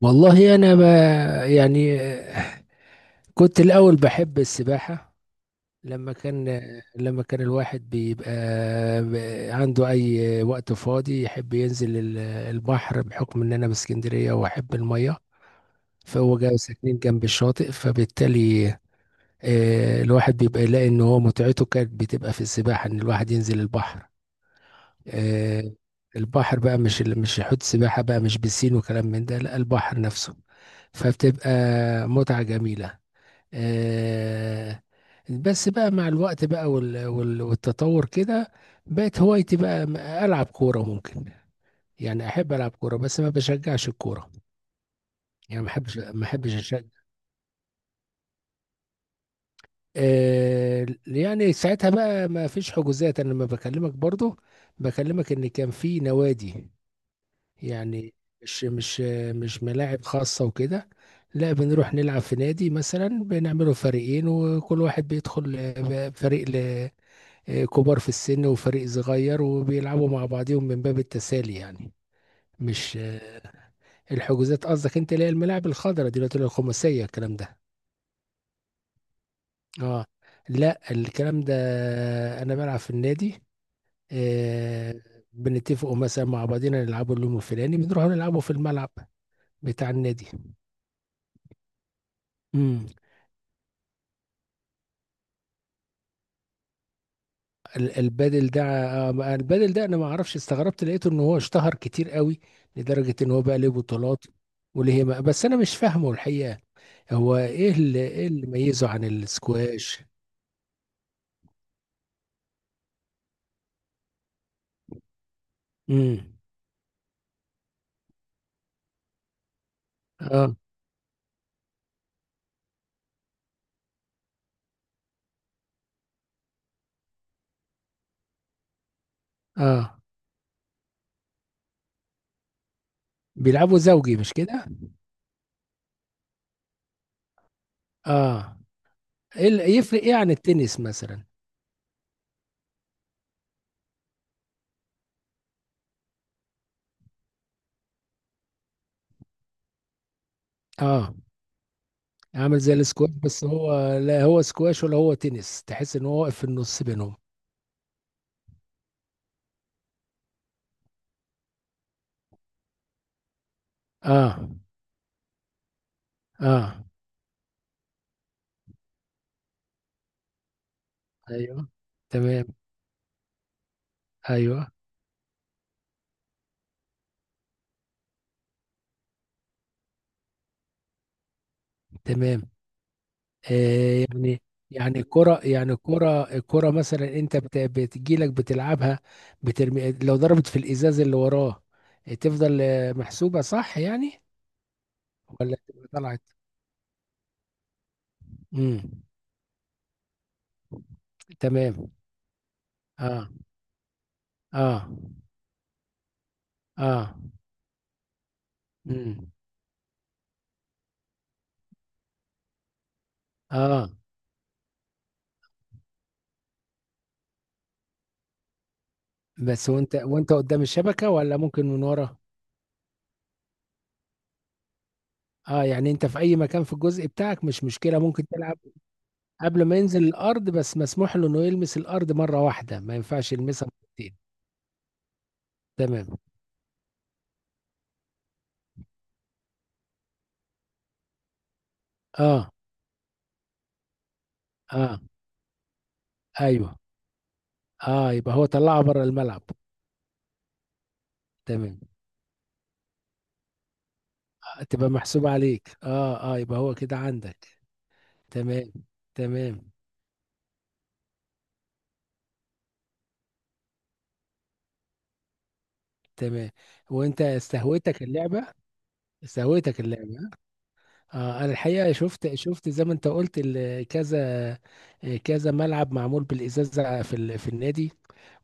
والله انا ما يعني آه، كنت الاول بحب السباحه. لما كان لما كان الواحد بيبقى، عنده اي وقت فاضي، يحب ينزل البحر، بحكم ان انا باسكندريه واحب الميه، فهو جاي ساكنين جنب الشاطئ. فبالتالي الواحد بيبقى يلاقي ان هو متعته كانت بتبقى في السباحه، ان الواحد ينزل البحر. آه، البحر بقى، مش حوض سباحة بقى، مش بسين وكلام من ده، لا البحر نفسه. فبتبقى متعة جميلة. آه، بس بقى مع الوقت بقى، والتطور كده بقت هوايتي بقى، ألعب كورة ممكن. يعني أحب ألعب كورة بس ما بشجعش الكورة. يعني ما أحبش أشجع. يعني ساعتها بقى ما فيش حجوزات. أنا لما بكلمك برضو، بكلمك إن كان في نوادي، يعني مش مش مش ملاعب خاصة وكده، لا بنروح نلعب في نادي مثلا، بنعمله فريقين وكل واحد بيدخل فريق، كبار في السن، وفريق صغير، وبيلعبوا مع بعضهم من باب التسالي يعني. مش آه، الحجوزات قصدك انت، اللي هي الملاعب الخضراء دلوقتي، اللي هي الخماسية الكلام ده. اه. لا الكلام ده انا بلعب في النادي. آه، بنتفقوا مثلا مع بعضنا نلعبوا اليوم الفلاني، بنروحوا نلعبوا في الملعب بتاع النادي. البادل ده، البادل ده انا ما اعرفش، استغربت لقيته ان هو اشتهر كتير قوي، لدرجة ان هو بقى ليه بطولات. وليه ما، بس انا مش فاهمه الحقيقة، هو ايه اللي، ميزه عن السكواش؟ امم. اه. اه. بيلعبوا زوجي مش كده؟ اه. ايه اللي يفرق ايه عن التنس مثلا؟ اه، عامل زي السكواش؟ بس هو لا هو سكواش ولا هو تنس، تحس ان هو واقف في النص بينهم. اه. اه. ايوه. تمام. ايوه. تمام. آه، يعني يعني الكرة، الكرة مثلا، انت بتجيلك بتلعبها، بترمي، لو ضربت في الازاز اللي وراه، تفضل محسوبة صح يعني؟ ولا تبقى طلعت؟ امم. تمام. اه. اه. اه. امم. اه. بس وانت، قدام الشبكة ولا ممكن من ورا؟ اه، يعني انت في اي مكان في الجزء بتاعك، مش مشكلة، ممكن تلعب قبل ما ينزل الارض، بس مسموح له انه يلمس الارض مرة واحدة، ما ينفعش يلمسها مرتين. تمام. اه. اه. ايوه. اه، يبقى هو طلعه بره الملعب. تمام. تبقى محسوبة عليك، اه اه، يبقى هو كده عندك. تمام. تمام. تمام. وانت استهوتك اللعبة؟ استهوتك اللعبة؟ اه، انا الحقيقه شفت، زي ما انت قلت، كذا كذا ملعب معمول بالازازه، في في النادي.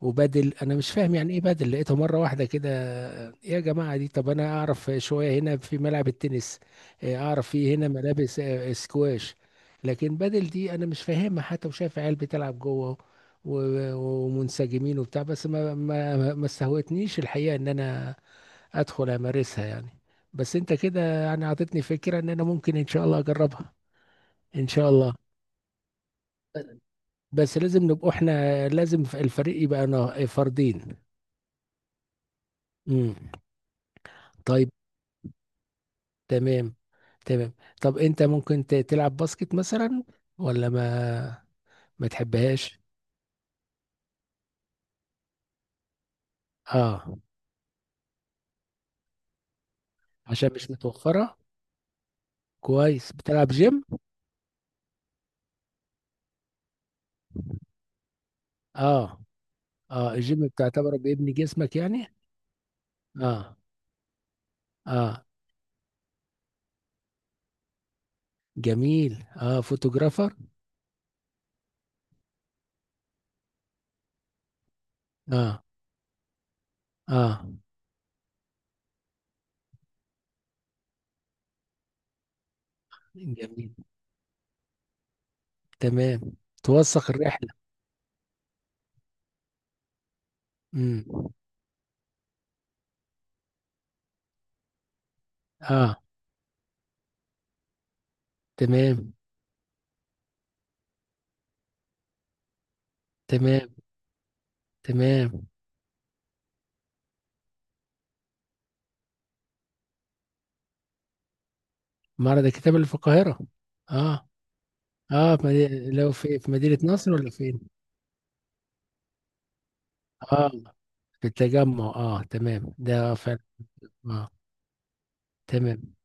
وبدل، انا مش فاهم يعني ايه بدل، لقيته مره واحده كده. إيه يا جماعه دي؟ طب انا اعرف شويه، هنا في ملعب التنس، إيه، اعرف فيه هنا ملابس سكواش، لكن بدل دي انا مش فاهمها. حتى وشايف عيال بتلعب جوه، ومنسجمين وبتاع، بس ما استهوتنيش الحقيقه ان انا ادخل امارسها يعني. بس انت كده يعني اعطيتني فكرة ان انا ممكن ان شاء الله اجربها. ان شاء الله. بس لازم نبقى احنا، لازم الفريق يبقى فردين. امم. طيب. تمام. تمام. طب انت ممكن تلعب باسكت مثلا، ولا ما، تحبهاش؟ اه. عشان مش متوفرة. كويس بتلعب جيم. اه. اه، الجيم بتعتبره بيبني جسمك يعني. اه. اه. جميل، اه فوتوغرافر. اه. اه. جميل. تمام. توثق الرحلة. امم. اه. تمام. تمام. تمام. معرض الكتاب اللي في القاهرة. اه. اه، في مدينة، لو في، في مدينة نصر ولا فين؟ اه، في التجمع. اه تمام، ده فعلا. اه. تمام.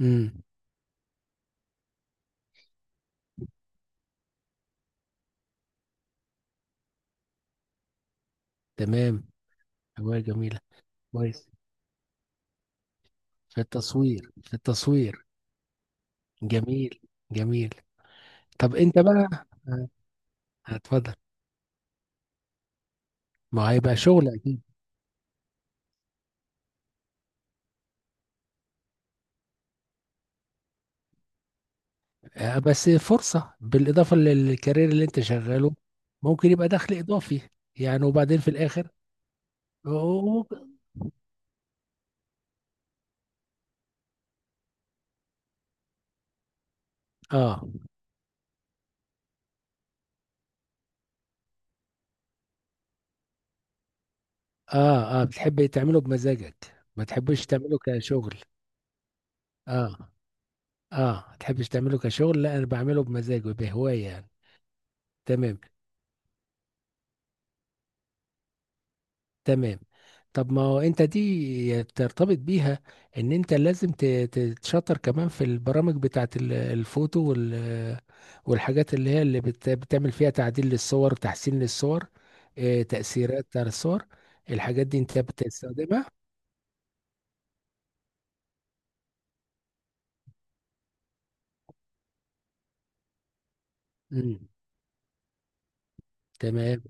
امم. تمام. هواية جميلة. كويس. في التصوير. في التصوير. جميل. جميل. طب انت بقى اتفضل. ما هيبقى شغل اكيد. بس فرصة، بالإضافة للكارير اللي أنت شغاله، ممكن يبقى دخل إضافي يعني، وبعدين في الآخر. آه. آه. بتحب تعمله بمزاجك، ما تحبش تعمله كشغل. آه. آه، ما تحبش تعمله كشغل، لا أنا بعمله بمزاج وبهواية يعني. تمام. تمام. طب ما هو انت دي ترتبط بيها، ان انت لازم تتشطر كمان في البرامج بتاعت الفوتو، وال، والحاجات اللي هي اللي بتعمل فيها تعديل للصور، تحسين للصور، اه، تأثيرات على الصور. الحاجات دي انت بتستخدمها؟ مم. تمام.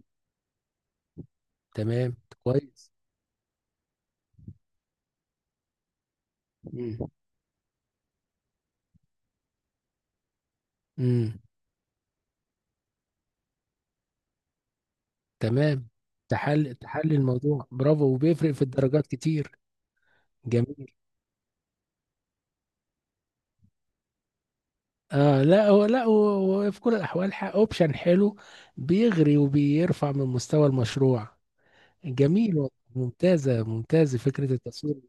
تمام. كويس. مم. مم. تمام. تحل، تحل الموضوع، برافو، وبيفرق في الدرجات كتير. جميل. آه لا هو، هو في كل الأحوال، أوبشن حلو، بيغري وبيرفع من مستوى المشروع. جميل والله، ممتازة ممتازة فكرة التصوير.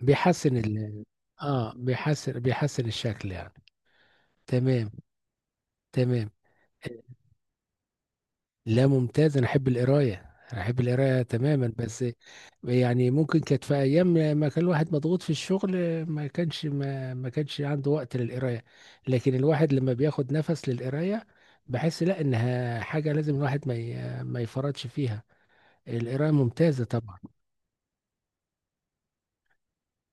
بيحسن ال، آه بيحسن، الشكل يعني. تمام. تمام. لا ممتاز، انا احب القرايه، تماما. بس يعني ممكن كانت في ايام، ما كان الواحد مضغوط في الشغل، ما كانش عنده وقت للقرايه، لكن الواحد لما بياخد نفس للقرايه، بحس لا انها حاجه لازم الواحد، ما يفرطش فيها. القرايه ممتازه طبعا.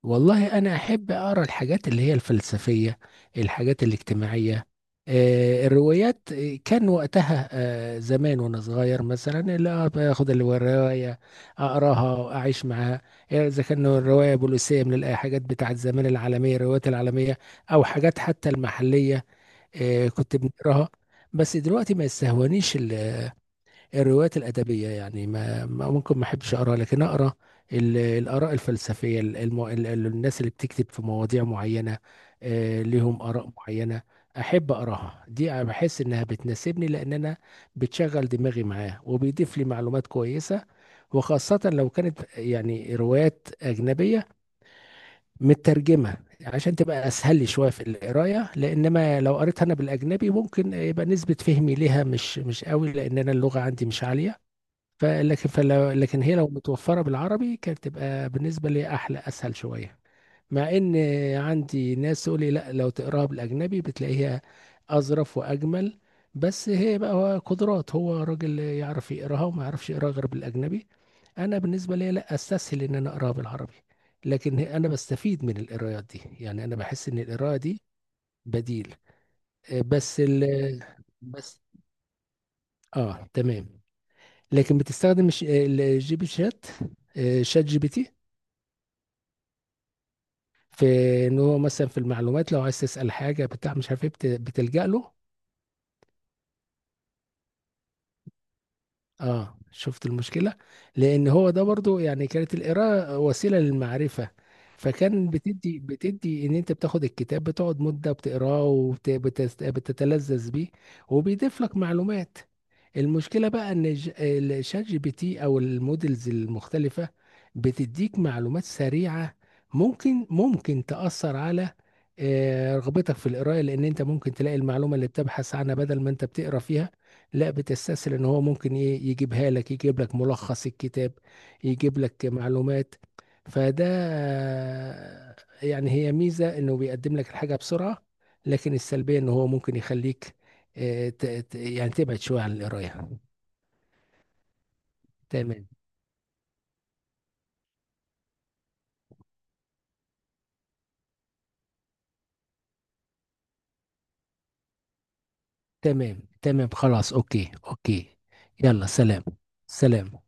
والله أنا أحب أقرأ الحاجات اللي هي الفلسفية، الحاجات الاجتماعية، الروايات. كان وقتها، زمان وأنا صغير مثلا، لا باخد الرواية أقراها وأعيش معاها. إذا كان الرواية بوليسية، من الحاجات بتاعت زمان العالمية، الروايات العالمية، أو حاجات حتى المحلية، كنت بنقراها. بس دلوقتي ما يستهونيش الروايات الأدبية يعني، ممكن ما أحبش أقرأ، لكن أقرأ الآراء الفلسفية، الناس اللي بتكتب في مواضيع معينة، ليهم آراء معينة، أحب أقرأها. دي أنا بحس إنها بتناسبني، لأن أنا بتشغل دماغي معاه، وبيضيف لي معلومات كويسة. وخاصة لو كانت يعني روايات أجنبية مترجمة، عشان تبقى أسهل لي شوية في القراية، لأنما لو قريتها أنا بالأجنبي، ممكن يبقى نسبة فهمي ليها مش مش قوي، لأن أنا اللغة عندي مش عالية. فلكن فلو لكن هي لو متوفرة بالعربي، كانت تبقى بالنسبة لي أحلى، أسهل شوية. مع إن عندي ناس تقول لي لا، لو تقراها بالأجنبي بتلاقيها أظرف وأجمل، بس هي بقى، هو قدرات، هو راجل يعرف يقراها وما يعرفش يقراها غير بالأجنبي. أنا بالنسبة لي لا، أستسهل إن أنا أقراها بالعربي، أنا بستفيد من القرايات دي يعني، أنا بحس إن القراءة دي بديل. آه، بس ال بس تمام. لكن بتستخدم الجي بي شات، شات جي بي تي؟ في ان هو مثلا في المعلومات، لو عايز تسال حاجه بتاع مش عارف ايه، بتلجا له. اه، شفت المشكلة، لان هو ده برضو، يعني كانت القراءة وسيلة للمعرفة، فكان بتدي، ان انت بتاخد الكتاب، بتقعد مدة بتقراه، وبتتلذذ بيه، وبيضيف لك معلومات. المشكلة بقى ان، الشات جي بي تي او المودلز المختلفة، بتديك معلومات سريعة، ممكن تأثر على رغبتك في القراءة، لان انت ممكن تلاقي المعلومة اللي بتبحث عنها، بدل ما انت بتقرا فيها، لا بتستسهل ان هو ممكن ايه يجيبها لك، يجيب لك ملخص الكتاب، يجيب لك معلومات. فده يعني، هي ميزة انه بيقدم لك الحاجة بسرعة، لكن السلبية ان هو ممكن يخليك يعني تبعد شوية عن القراية. تمام. تمام خلاص، اوكي اوكي. يلا سلام. سلام.